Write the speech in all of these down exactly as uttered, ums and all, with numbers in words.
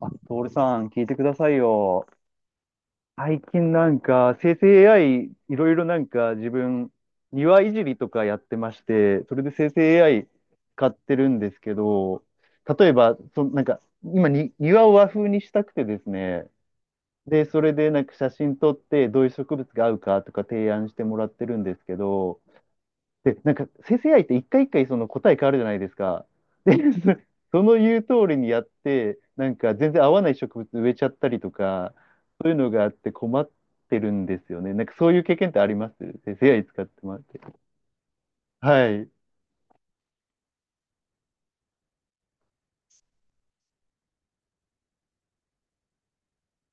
あ、トールさん、聞いてくださいよ。最近なんか、生成 エーアイ、いろいろなんか自分、庭いじりとかやってまして、それで生成 エーアイ 使ってるんですけど、例えば、そ、なんか、今に、庭を和風にしたくてですね、で、それでなんか写真撮って、どういう植物が合うかとか提案してもらってるんですけど、で、なんか生成 a って一回一回その答え変わるじゃないですか。で、その言う通りにやって、なんか全然合わない植物植えちゃったりとか、そういうのがあって困ってるんですよね。なんかそういう経験ってあります生成 エーアイ 使ってもらって。はい。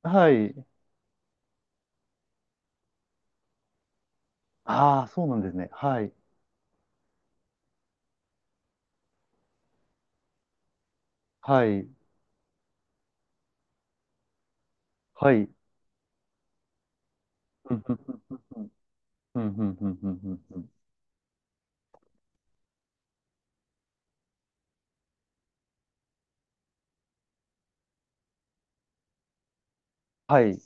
はい。ああ、そうなんですね。はい。はい。はい。ふん、ふん、ふん、ふん、ふん、ふん、ふん。ふんふんふん。はい。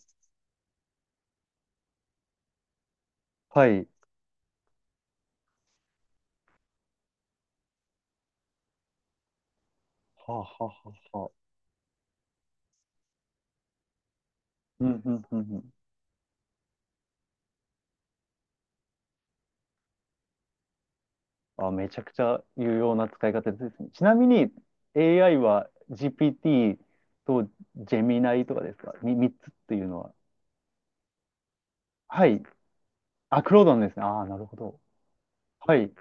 はい。はあ、はあ、はあ、はあ。うん、うん、うん、うん。あ、めちゃくちゃ有用な使い方ですね。ちなみに エーアイ は ジーピーティー とジェミナイとかですか？ さん つっていうのは。はい。あ、クロードンですね。ああ、なるほど。はい。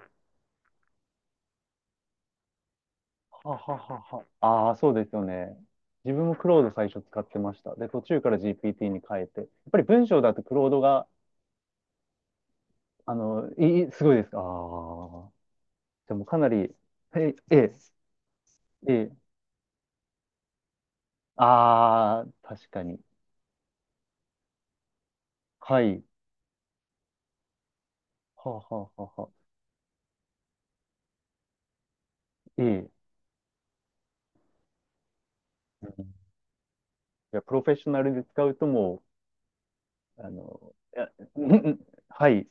はははは。ああ、そうですよね。自分もクロード最初使ってました。で、途中から ジーピーティー に変えて。やっぱり文章だとクロードが、あの、いい、すごいですかああ。でもかなり、え、え、え、ああ、確かに。はい。はははは。ええ。いやプロフェッショナルで使うともう、あの、いや はい。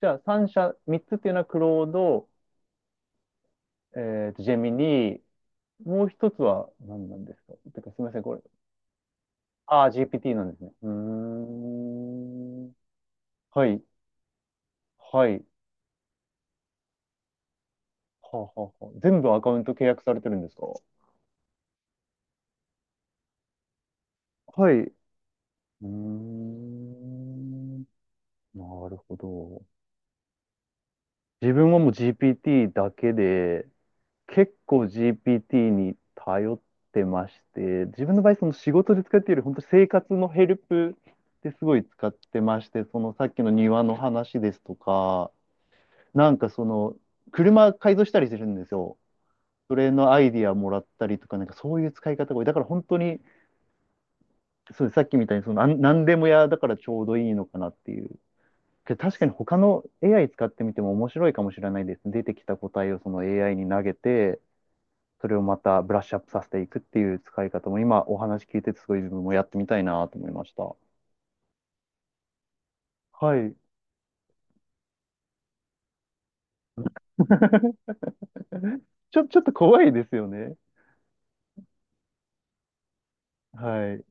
じゃあさん社、みっつっていうのはクロード、えっと、ジェミニー、もう一つは何なんですかてかすみません、これ。ああ、ジーピーティー なんですね。うーん。はい。はい。はあはあはあ全部アカウント契約されてるんですか。はい。うーん。なるほど。自分はもう ジーピーティー だけで、結構 ジーピーティー に頼ってまして、自分の場合、その仕事で使っているより、本当生活のヘルプですごい使ってまして、そのさっきの庭の話ですとか、なんかその、車改造したりするんですよ。それのアイディアもらったりとか、なんかそういう使い方が多い。だから本当に、そうですさっきみたいにその、なん何でも屋だからちょうどいいのかなっていう。けど確かに他の エーアイ 使ってみても面白いかもしれないです。出てきた答えをその エーアイ に投げて、それをまたブラッシュアップさせていくっていう使い方も今お話聞いててすごい自分もやってみたいなと思いました。はい。ちょ、ちょっと怖いですよね。はい。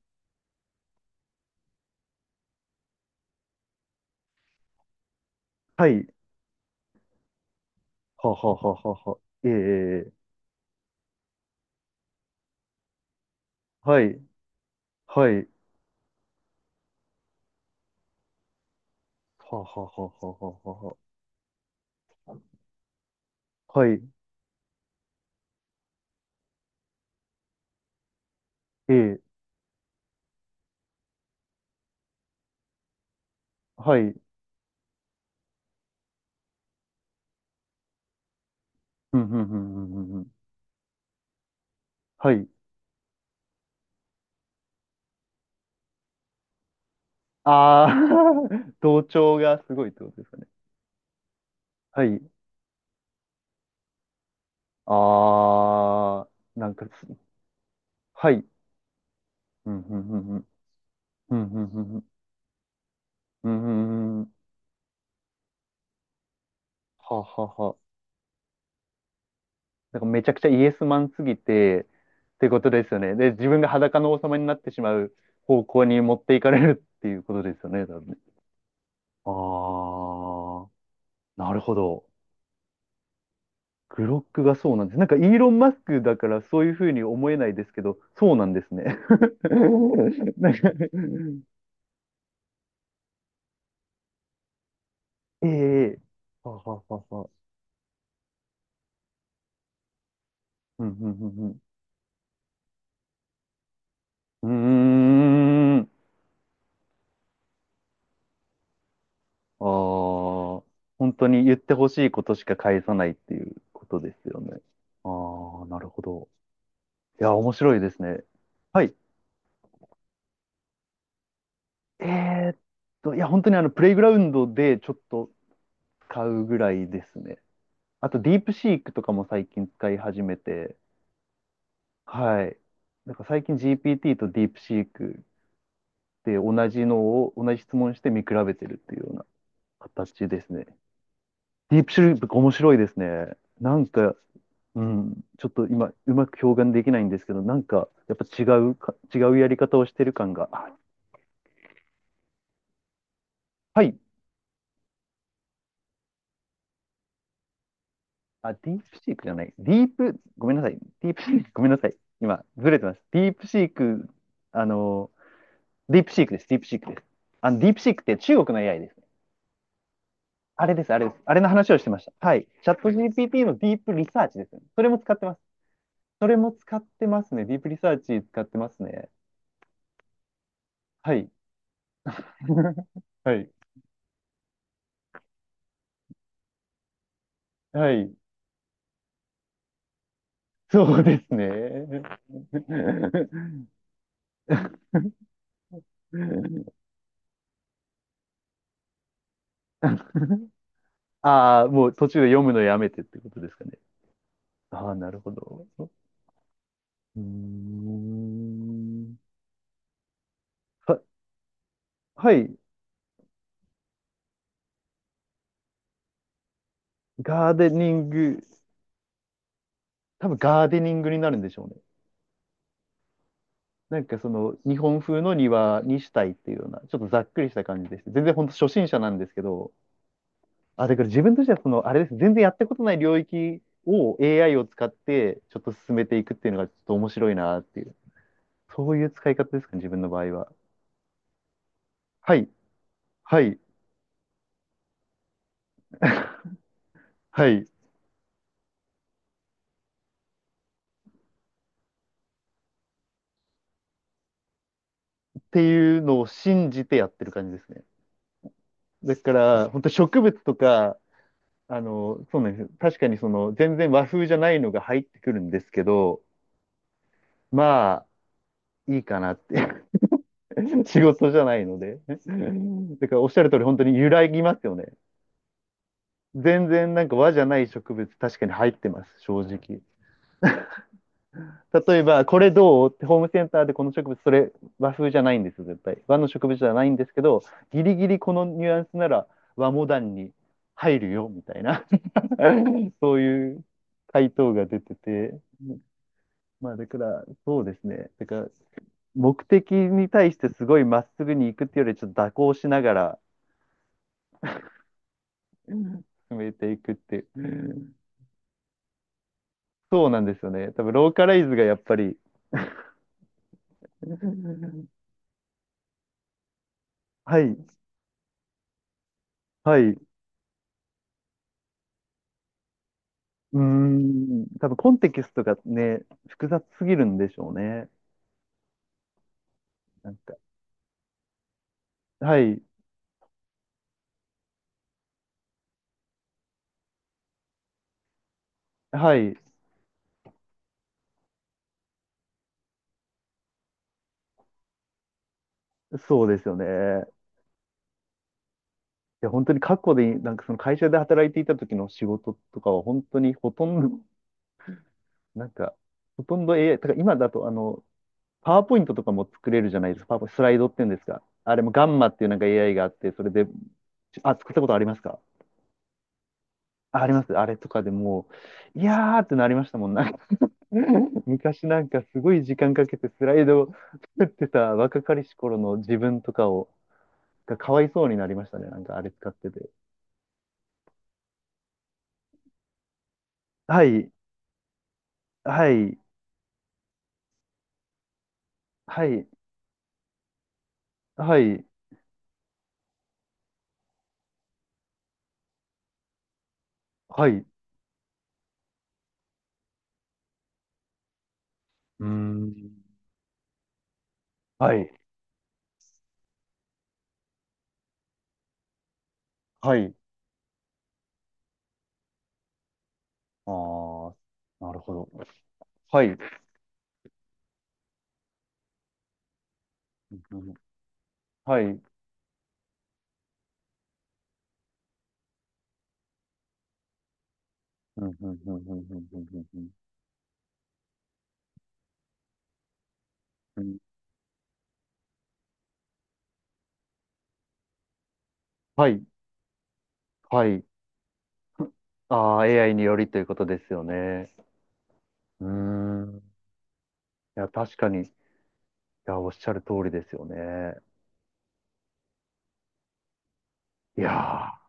はい。はははははは。ええええはい。はい。ははははははは。はい。ええはい。ふんふんふんふんふんふん。はい。ああ 同調がすごいってことですかね。はい。ああ、なんかす、はい。うん、うん、うん、うん、うん、うん、うん、うん、うん、うん、うん、はあはあはあ。なんかめちゃくちゃイエスマンすぎて、ってことですよね。で、自分が裸の王様になってしまう方向に持っていかれるっていうことですよね、多分。ああ、なるほど。グロックがそうなんです。なんかイーロン・マスクだからそういうふうに思えないですけど、そうなんですね。なんか、ええはははは。うん、うん、うん、うん。うーん。ああ、本当に言ってほしいことしか返さないっていうことですよね。ああ、なるほど。いや、面白いですね。はい。えーっと、いや、本当にあの、プレイグラウンドでちょっと使うぐらいですね。あと、ディープシークとかも最近使い始めて、はい。なんか最近 ジーピーティー とディープシークで同じのを、同じ質問して見比べてるっていうような形ですね。ディープシュリー面白いですね。なんか、うん、ちょっと今、うまく表現できないんですけど、なんか、やっぱ違うか、違うやり方をしてる感が、あはい、あ、ディープシークじゃない、ディープ、ごめんなさい、ディープシーク、ごめんなさい、今、ずれてます。ディープシーク、あの、ディープシークです、ディープシークです。あの、ディープシークって中国の エーアイ です。あれです、あれです。あれの話をしてました。はい。チャット ジーピーティー のディープリサーチですね。それも使ってます。それも使ってますね。ディープリサーチ使ってますね。はい。はい。はい。そうですね。ああ、もう途中で読むのやめてってことですかね。ああ、なるほど。うーん。は、はい。ガーデニング、多分ガーデニングになるんでしょうね。なんかその日本風の庭にしたいっていうような、ちょっとざっくりした感じです。全然本当初心者なんですけど、あ、だから自分としてはその、あれです。全然やったことない領域を エーアイ を使ってちょっと進めていくっていうのがちょっと面白いなっていう。そういう使い方ですかね、自分の場合は。はい、はい、はい。っていうのを信じてやってる感じですね。だから、本当植物とか、あの、そうなんですよ。確かにその、全然和風じゃないのが入ってくるんですけど、まあ、いいかなって。仕事じゃないので。だから、おっしゃる通り、本当に揺らぎますよね。全然なんか和じゃない植物、確かに入ってます、正直。例えば、これどうってホームセンターでこの植物、それ和風じゃないんですよ、絶対。和の植物じゃないんですけど、ギリギリこのニュアンスなら和モダンに入るよ、みたいな。そういう回答が出てて。まあ、だから、そうですね。だから、目的に対してすごいまっすぐに行くっていうより、ちょっと蛇行しながら進めていくっていう。うんそうなんですよね。多分、ローカライズがやっぱり、はい、はい、うーん、多分コンテキストがね、複雑すぎるんでしょうね。なんか、はい、はい、そうですよね。いや、本当に過去で、なんかその会社で働いていた時の仕事とかは本当にほとんど、なんか、ほとんど エーアイ、だから今だとあの、パワーポイントとかも作れるじゃないですか。パワーポイント、スライドっていうんですか。あれもガンマっていうなんか エーアイ があって、それで、あ、作ったことありますかああります。あれとかでもう、いやーってなりましたもん。昔なんかすごい時間かけてスライドを作ってた若かりし頃の自分とかを、がかわいそうになりましたね。なんかあれ使ってて。はい、はい、はい、はい、はい。うーん。はい、はい。ああ、なるほど。はい。うんはい。うんうんうんうんうんうんうんうんはい、はい。ああ、エーアイ によりということですよね。うーん。いや、確かに。いや、おっしゃる通りですよね。いやー。